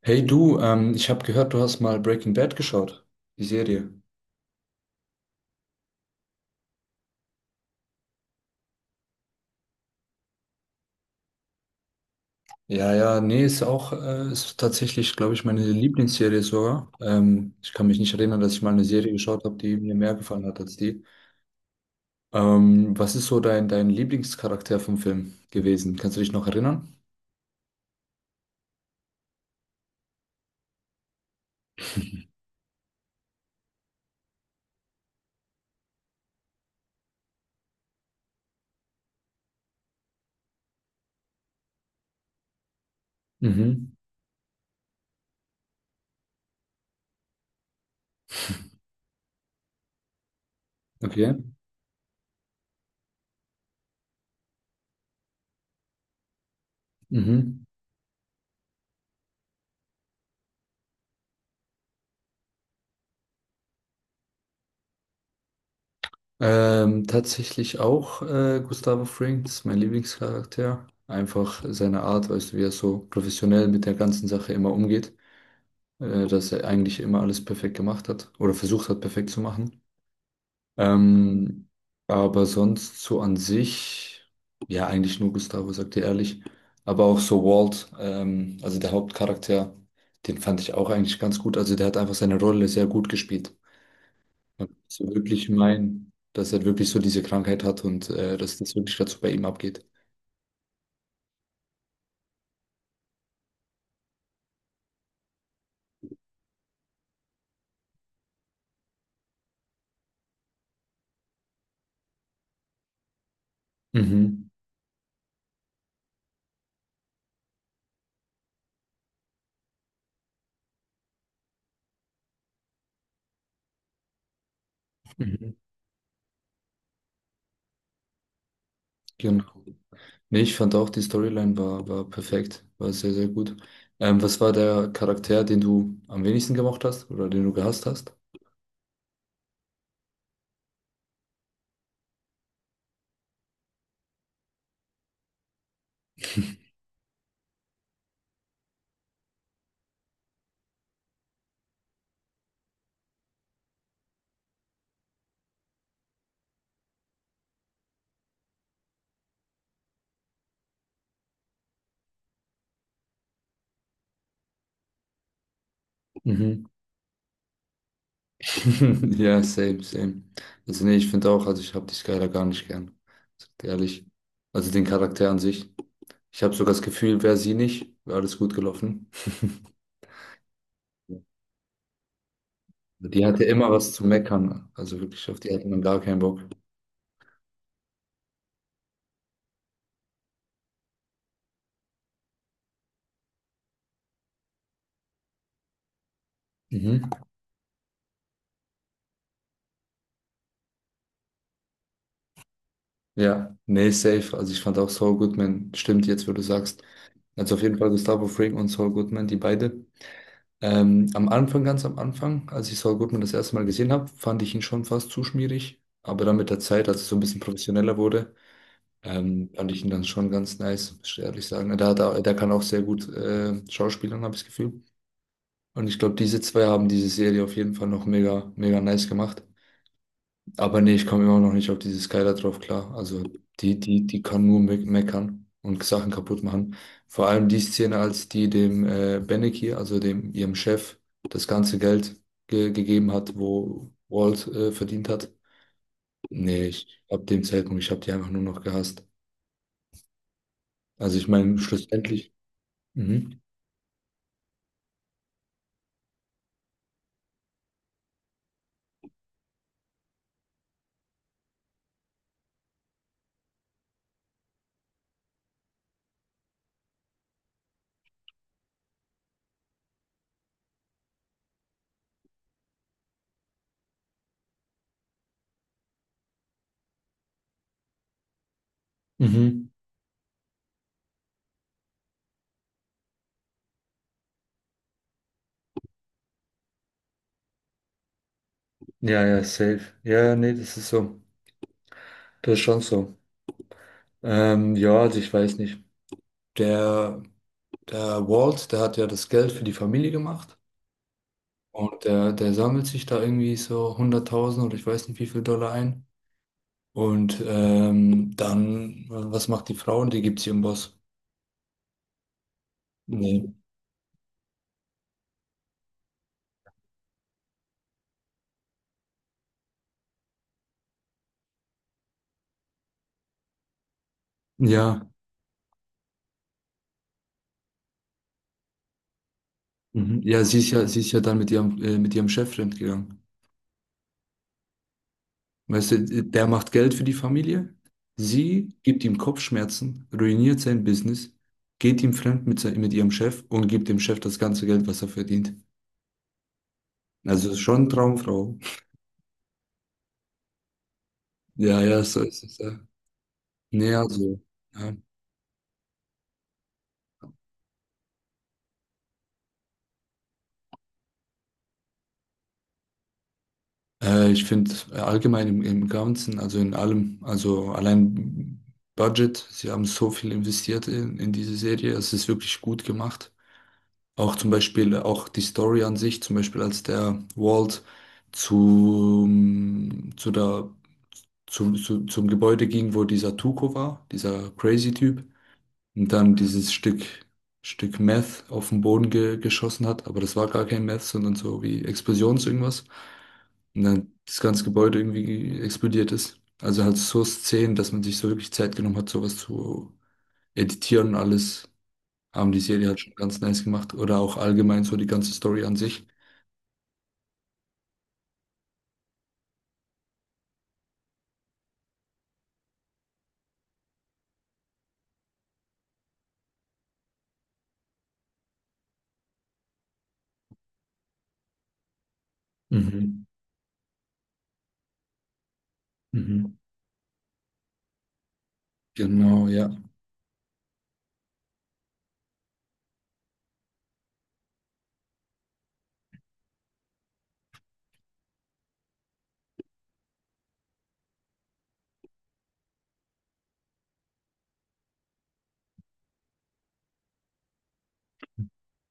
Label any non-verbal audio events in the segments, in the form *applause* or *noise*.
Hey du, ich habe gehört, du hast mal Breaking Bad geschaut, die Serie. Ja, ja, nee, ist auch, ist tatsächlich, glaube ich, meine Lieblingsserie sogar. Ich kann mich nicht erinnern, dass ich mal eine Serie geschaut habe, die mir mehr gefallen hat als die. Was ist so dein Lieblingscharakter vom Film gewesen? Kannst du dich noch erinnern? Mhm, okay. Mhm. Tatsächlich auch Gustavo Fring, das ist mein Lieblingscharakter. Einfach seine Art, weißt du, wie er so professionell mit der ganzen Sache immer umgeht. Dass er eigentlich immer alles perfekt gemacht hat oder versucht hat, perfekt zu machen. Ähm, aber sonst so an sich, ja, eigentlich nur Gustavo, sagt ihr ehrlich. Aber auch so Walt, also der Hauptcharakter, den fand ich auch eigentlich ganz gut. Also der hat einfach seine Rolle sehr gut gespielt. Man kann so wirklich meinen, dass er wirklich so diese Krankheit hat und dass das wirklich dazu bei ihm abgeht. Mhm. Mhm. Genau. Nee, ich fand auch, die Storyline war perfekt, war sehr, sehr gut. Was war der Charakter, den du am wenigsten gemocht hast oder den du gehasst hast? Mhm. *laughs* Ja, same, same. Also nee, ich finde auch, also ich habe die Skylar gar nicht gern. Sag dir Ehrlich. Also den Charakter an sich. Ich habe sogar das Gefühl, wäre sie nicht, wäre alles gut gelaufen. *laughs* Die hatte immer was zu meckern. Also wirklich, auf die hatte man gar keinen Bock. Mhm. Ja, nee, safe. Also ich fand auch Saul Goodman, stimmt jetzt, wo du sagst. Also auf jeden Fall Gustavo Fring und Saul Goodman, die beide. Am Anfang, ganz am Anfang, als ich Saul Goodman das erste Mal gesehen habe, fand ich ihn schon fast zu schmierig. Aber dann mit der Zeit, als es so ein bisschen professioneller wurde, fand ich ihn dann schon ganz nice, muss ich ehrlich sagen. Der kann auch sehr gut schauspielern, habe ich das Gefühl. Und ich glaube, diese zwei haben diese Serie auf jeden Fall noch mega, mega nice gemacht. Aber nee, ich komme immer noch nicht auf diese Skylar drauf klar. Also die kann nur me meckern und Sachen kaputt machen. Vor allem die Szene, als die dem Beneki, also dem ihrem Chef, das ganze Geld ge gegeben hat, wo Walt verdient hat. Nee, ab dem Zeitpunkt, ich habe die einfach nur noch gehasst. Also ich meine, schlussendlich. Mhm. Mhm. Ja, ja, safe. Ja, nee, das ist so. Das ist schon so. Ja, also ich weiß nicht. Der. Der Walt, der hat ja das Geld für die Familie gemacht und der sammelt sich da irgendwie so hunderttausend oder ich weiß nicht wie viel Dollar ein. Und dann, was macht die Frau? Die gibt sie ihrem Boss. Nee. Ja, mhm. Ja, sie ist ja dann mit ihrem Chef gegangen. Weißt du, der macht Geld für die Familie, sie gibt ihm Kopfschmerzen, ruiniert sein Business, geht ihm fremd mit, mit ihrem Chef und gibt dem Chef das ganze Geld, was er verdient. Also ist schon Traumfrau. Ja, ja, so ist es. Nee, also, ja. Ich finde allgemein im Ganzen, also in allem, also allein Budget, sie haben so viel investiert in diese Serie, es ist wirklich gut gemacht. Auch zum Beispiel, auch die Story an sich, zum Beispiel als der Walt zu zu der, zum, zu, zum Gebäude ging, wo dieser Tuco war, dieser crazy Typ, und dann Stück Meth auf den Boden ge geschossen hat, aber das war gar kein Meth, sondern so wie Explosions irgendwas. Und dann das ganze Gebäude irgendwie explodiert ist. Also halt so Szenen, dass man sich so wirklich Zeit genommen hat, sowas zu editieren und alles, haben die Serie halt schon ganz nice gemacht. Oder auch allgemein so die ganze Story an sich. Mhm. Mhm. Genau, ja.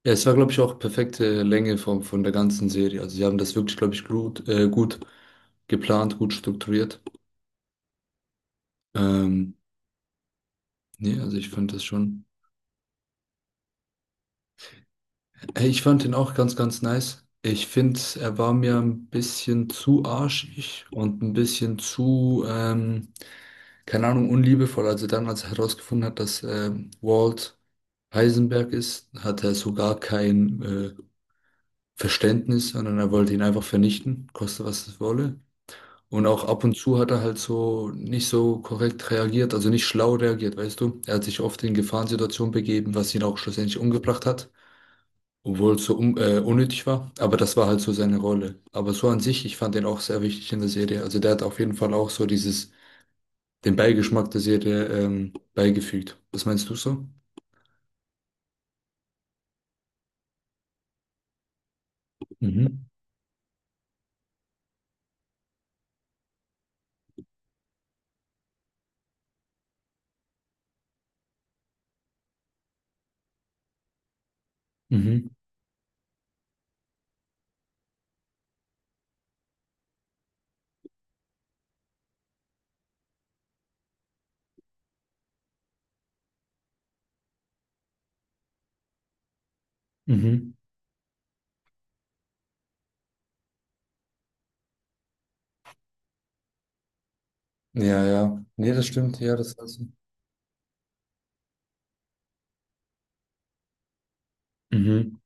Ja, es war, glaube ich, auch perfekte Länge von der ganzen Serie. Also sie haben das wirklich, glaube ich, gut, gut geplant, gut strukturiert. Ähm, Nee, also ich fand das schon. Ey, ich fand ihn auch ganz, ganz nice. Ich finde, er war mir ein bisschen zu arschig und ein bisschen zu, keine Ahnung, unliebevoll. Also dann, als er herausgefunden hat, dass Walt Heisenberg ist, hatte er sogar kein Verständnis, sondern er wollte ihn einfach vernichten, koste was es wolle. Und auch ab und zu hat er halt so nicht so korrekt reagiert, also nicht schlau reagiert, weißt du? Er hat sich oft in Gefahrensituationen begeben, was ihn auch schlussendlich umgebracht hat, obwohl es so un unnötig war, aber das war halt so seine Rolle. Aber so an sich, ich fand den auch sehr wichtig in der Serie. Also der hat auf jeden Fall auch so dieses, den Beigeschmack der Serie beigefügt. Was meinst du so? Mhm. Mhm. Mhm. Ja, ja. Nee, das stimmt, ja, das hast du. Mhm.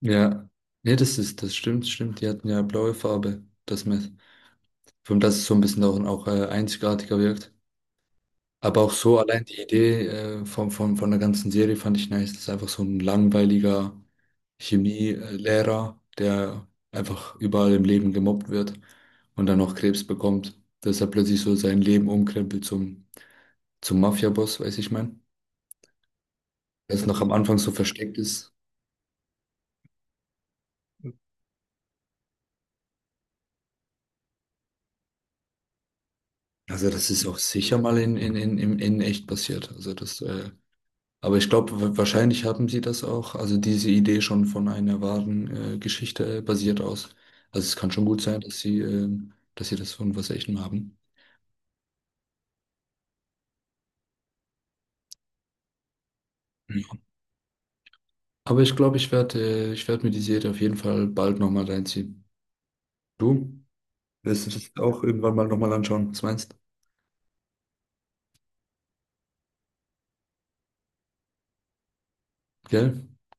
Ja. Nee, das ist, das stimmt, stimmt. Die hatten ja blaue Farbe, das Meth. Von das ist so ein bisschen auch, auch einzigartiger wirkt. Aber auch so allein die Idee von der ganzen Serie fand ich nice. Das ist einfach so ein langweiliger Chemielehrer, der einfach überall im Leben gemobbt wird und dann noch Krebs bekommt. Dass er plötzlich so sein Leben umkrempelt zum Mafia-Boss, weiß ich mein. Das noch am Anfang so versteckt ist. Also das ist auch sicher mal in echt passiert. Also das aber ich glaube, wahrscheinlich haben sie das auch, also diese Idee schon von einer wahren Geschichte basiert aus. Also es kann schon gut sein, dass sie das von was Echtem haben. Ja. Aber ich glaube, ich werde ich werd mir die Serie auf jeden Fall bald nochmal reinziehen. Du? Wirst du das auch irgendwann mal nochmal anschauen? Was meinst du? Gell?